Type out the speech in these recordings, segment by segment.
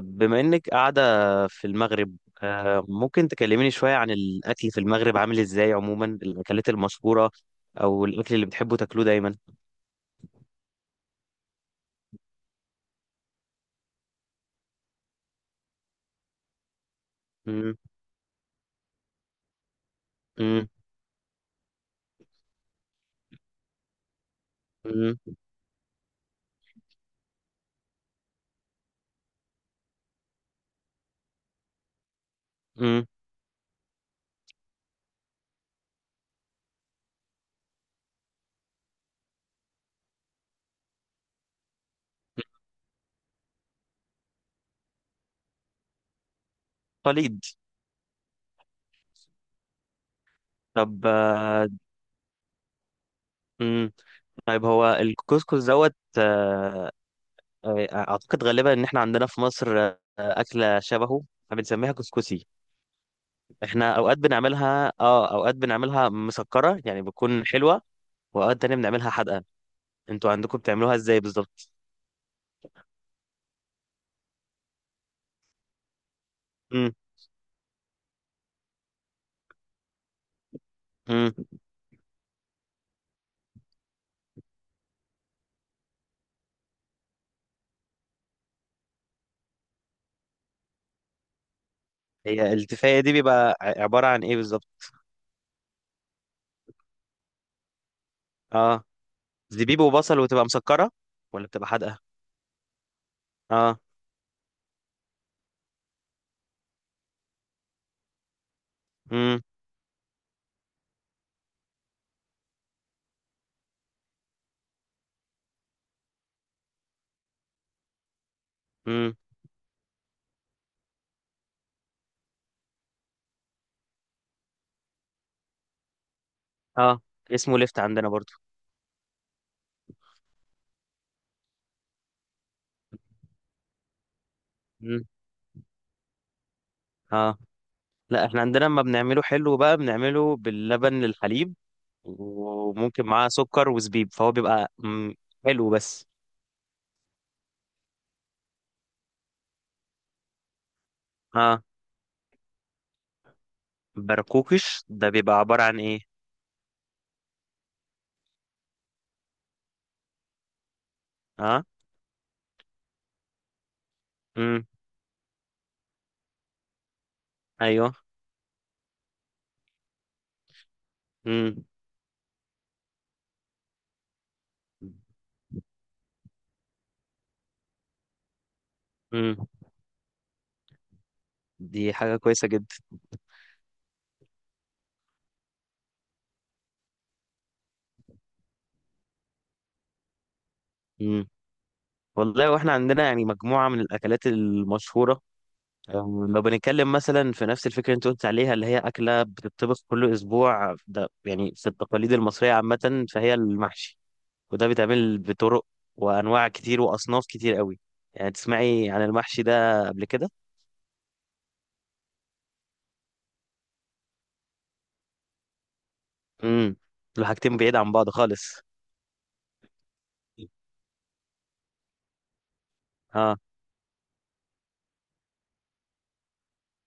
بما إنك قاعدة في المغرب، ممكن تكلميني شوية عن الأكل في المغرب عامل إزاي عموما، الأكلات المشهورة أو الأكل اللي بتحبوا تاكلوه دايما. مم. مم. مم. مم. قليد. طب. مم. طيب، هو الكسكس دوت. أعتقد غالبا إن إحنا عندنا في مصر أكلة شبهه بنسميها كسكسي. إحنا أوقات بنعملها، أوقات بنعملها مسكرة يعني بتكون حلوة، وأوقات تانية بنعملها حادقة. أنتوا عندكم بتعملوها إزاي بالظبط؟ امم. امم. هي التفاية دي بيبقى عبارة عن ايه بالظبط؟ اه. زبيب وبصل وتبقى مسكرة ولا بتبقى حادقة؟ اه. امم. امم. اه، اسمه لفت عندنا برضو. امم. اه، لا، احنا عندنا لما بنعمله حلو بقى بنعمله باللبن، للحليب، وممكن معاه سكر وزبيب، فهو بيبقى حلو بس. اه. برقوقش ده بيبقى عبارة عن ايه؟ اه. امم. ايوه. امم. امم. دي حاجة كويسة جدا. والله، واحنا عندنا يعني مجموعة من الأكلات المشهورة. لو بنتكلم مثلا في نفس الفكرة اللي انت قلت عليها، اللي هي أكلة بتطبخ كل أسبوع، ده يعني في التقاليد المصرية عامة، فهي المحشي. وده بيتعمل بطرق وأنواع كتير وأصناف كتير قوي. يعني تسمعي عن المحشي ده قبل كده؟ امم. دول حاجتين بعيد عن بعض خالص. اه،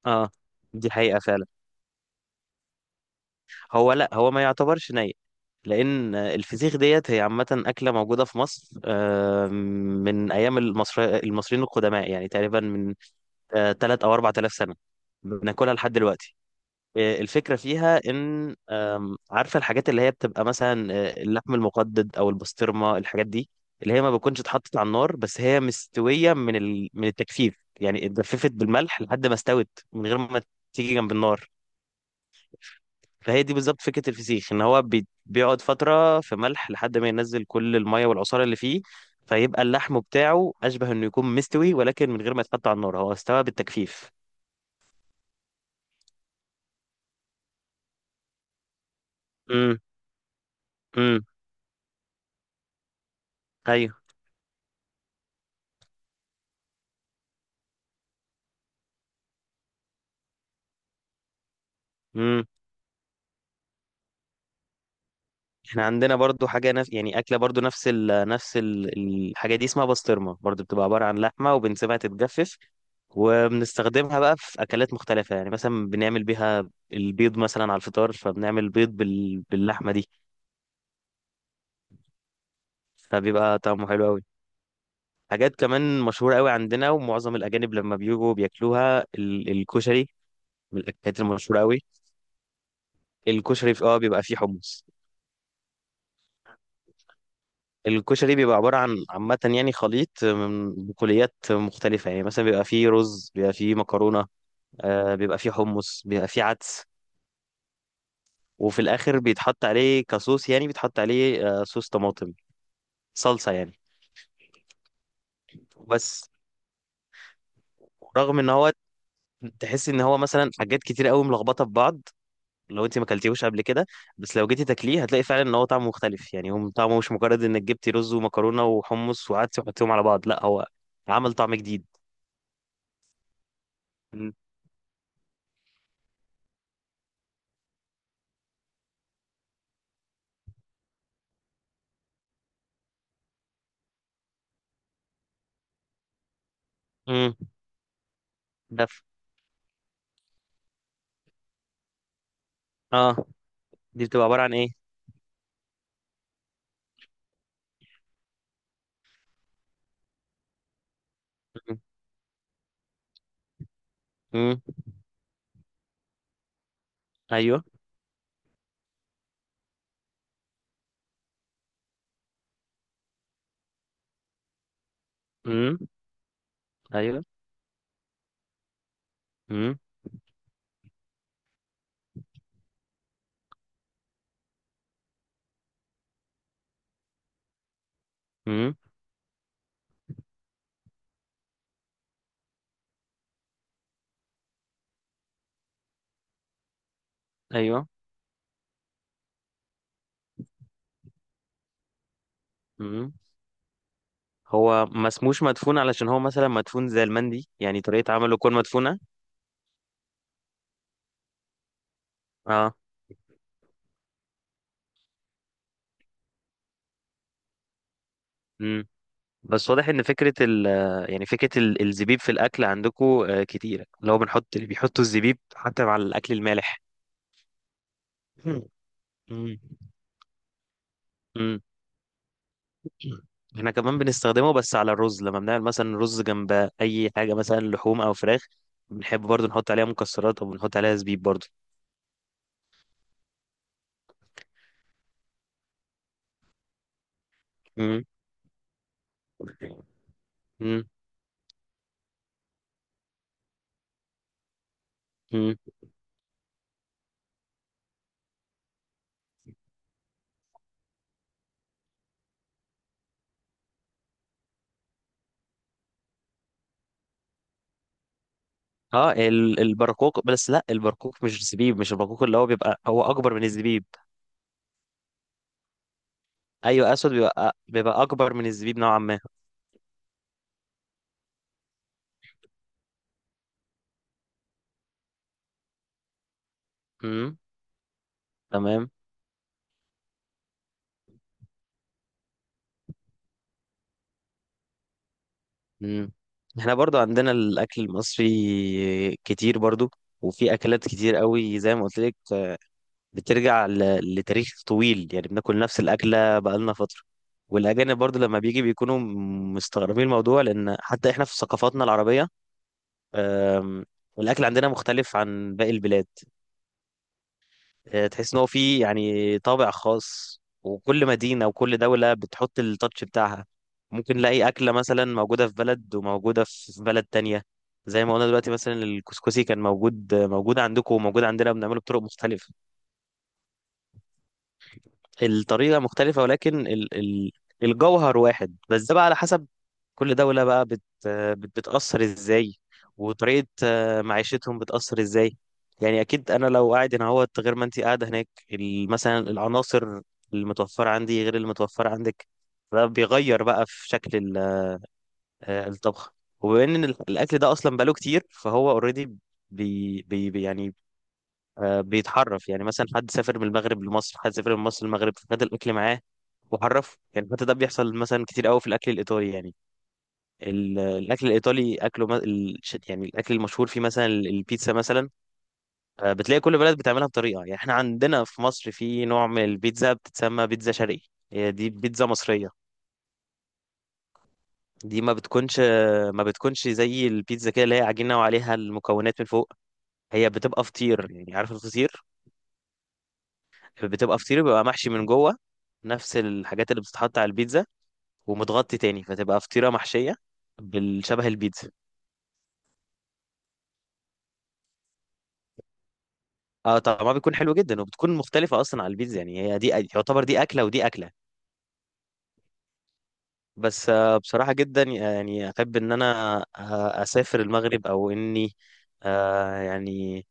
اه، دي حقيقة فعلا. هو لا، هو ما يعتبرش ني، لان الفسيخ ديت هي عامه اكله موجوده في مصر من ايام المصري المصريين القدماء، يعني تقريبا من 3 او 4000 سنه بناكلها لحد دلوقتي. الفكره فيها ان، عارفه الحاجات اللي هي بتبقى مثلا اللحم المقدد او البسطرمه، الحاجات دي اللي هي ما بتكونش اتحطت على النار، بس هي مستويه من التجفيف، يعني اتجففت بالملح لحد ما استوت، من غير ما تيجي جنب النار. فهي دي بالظبط فكرة الفسيخ، ان هو بيقعد فترة في ملح لحد ما ينزل كل المية والعصارة اللي فيه، فيبقى اللحم بتاعه اشبه انه يكون مستوي، ولكن من غير ما يتحط على النار، هو استوى بالتجفيف. امم. امم. ايوه. امم. احنا عندنا برضو حاجة يعني اكلة برضو نفس الحاجة دي اسمها بسطرمة برضو، بتبقى عبارة عن لحمة وبنسيبها تتجفف، وبنستخدمها بقى في اكلات مختلفة. يعني مثلا بنعمل بيها البيض مثلا على الفطار، فبنعمل بيض باللحمة دي، فبيبقى طعمه حلو أوي. حاجات كمان مشهورة قوي عندنا ومعظم الأجانب لما بيجوا بياكلوها، الكشري، من الأكلات المشهورة قوي. الكشري في اه بيبقى فيه حمص. الكشري بيبقى عبارة عن عامة يعني خليط من بقوليات مختلفة. يعني مثلا بيبقى فيه رز، بيبقى فيه مكرونة، بيبقى فيه حمص، بيبقى فيه عدس، وفي الآخر بيتحط عليه كصوص، يعني بيتحط عليه صوص طماطم، صلصة يعني. بس رغم ان هو تحس ان هو مثلا حاجات كتير قوي ملخبطة في بعض، لو انت ما اكلتيهوش قبل كده، بس لو جيتي تاكليه هتلاقي فعلا ان هو طعمه مختلف. يعني هو طعمه مش مجرد انك جبتي رز ومكرونه وحمص وقعدتي وحطيهم على بعض، لا، هو عمل طعم جديد. امم. امم. ده ف- اه، دي بتبقى عباره عن ايه؟ امم. ايوه. امم. ايوه. امم. امم. ايوه. امم. هو ما اسموش مدفون علشان هو مثلا مدفون زي المندي؟ يعني طريقه عمله تكون مدفونه؟ اه. بس واضح ان فكره ال يعني فكره ال- الزبيب في الاكل عندكم كتيره، اللي هو بنحط، اللي بيحطوا الزبيب حتى مع الاكل المالح. مم. مم. مم. احنا كمان بنستخدمه، بس على الرز، لما بنعمل مثلا رز جنب اي حاجه، مثلا لحوم او فراخ، بنحب برضو نحط عليها مكسرات او بنحط عليها زبيب برضو. مم. مم. مم. اه، البرقوق، بس لا، البرقوق مش زبيب، مش البرقوق اللي هو بيبقى هو اكبر من الزبيب. ايوه، اسود، بيبقى اكبر من الزبيب نوعا ما. مم. تمام. مم. احنا برضو عندنا الاكل المصري كتير برضو، وفي اكلات كتير قوي زي ما قلت لك بترجع لتاريخ طويل. يعني بناكل نفس الاكله بقالنا فتره، والاجانب برضو لما بيجي بيكونوا مستغربين الموضوع، لان حتى احنا في ثقافاتنا العربيه، أم، الاكل عندنا مختلف عن باقي البلاد. تحس ان هو فيه يعني طابع خاص، وكل مدينة وكل دولة بتحط التاتش بتاعها. ممكن نلاقي أكلة مثلا موجودة في بلد وموجودة في بلد تانية، زي ما قلنا دلوقتي مثلا الكسكسي كان موجود عندكم وموجود عندنا، بنعمله بطرق مختلفة. الطريقة مختلفة، ولكن ال ال الجوهر واحد، بس ده بقى على حسب كل دولة بقى بت بت بتأثر ازاي، وطريقة معيشتهم بتأثر ازاي. يعني أكيد أنا لو قاعد هنا اهوت غير ما أنت قاعدة هناك، مثلا العناصر المتوفرة عندي غير المتوفرة عندك، ده بيغير بقى في شكل الطبخ. وبما إن الأكل ده أصلا بقاله كتير، فهو أوريدي يعني بيتحرف. يعني مثلا حد سافر من المغرب لمصر، حد سافر من مصر للمغرب، فخد الاكل معاه وحرفه. يعني حتى ده بيحصل مثلا كتير قوي في الاكل الايطالي. يعني الاكل الايطالي اكله يعني الاكل المشهور فيه مثلا البيتزا مثلا، بتلاقي كل بلد بتعملها بطريقه. يعني احنا عندنا في مصر في نوع من البيتزا بتتسمى بيتزا شرقي، هي دي بيتزا مصريه. دي ما بتكونش زي البيتزا كده اللي هي عجينه وعليها المكونات من فوق، هي بتبقى فطير. يعني عارف الفطير؟ بتبقى فطيرة بيبقى محشي من جوه نفس الحاجات اللي بتتحط على البيتزا، ومتغطي تاني، فتبقى فطيرة محشية بالشبه البيتزا. اه طبعا، بيكون حلو جدا، وبتكون مختلفة أصلا على البيتزا. يعني هي دي يعتبر دي أكلة ودي أكلة. بس بصراحة جدا يعني أحب إن أنا أسافر المغرب، أو إني آه يعني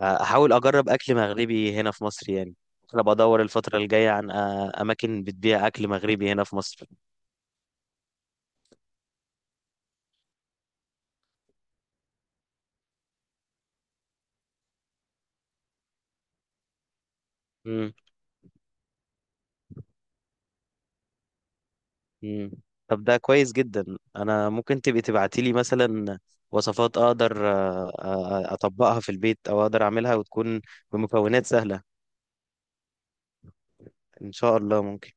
أحاول أجرب أكل مغربي هنا في مصر. يعني ممكن أبقى أدور الفترة الجاية عن أماكن بتبيع أكل مغربي هنا في مصر. مم. طب ده كويس جدا. انا ممكن تبقي تبعتي لي مثلا وصفات اقدر اطبقها في البيت، او اقدر اعملها وتكون بمكونات سهلة. ان شاء الله ممكن.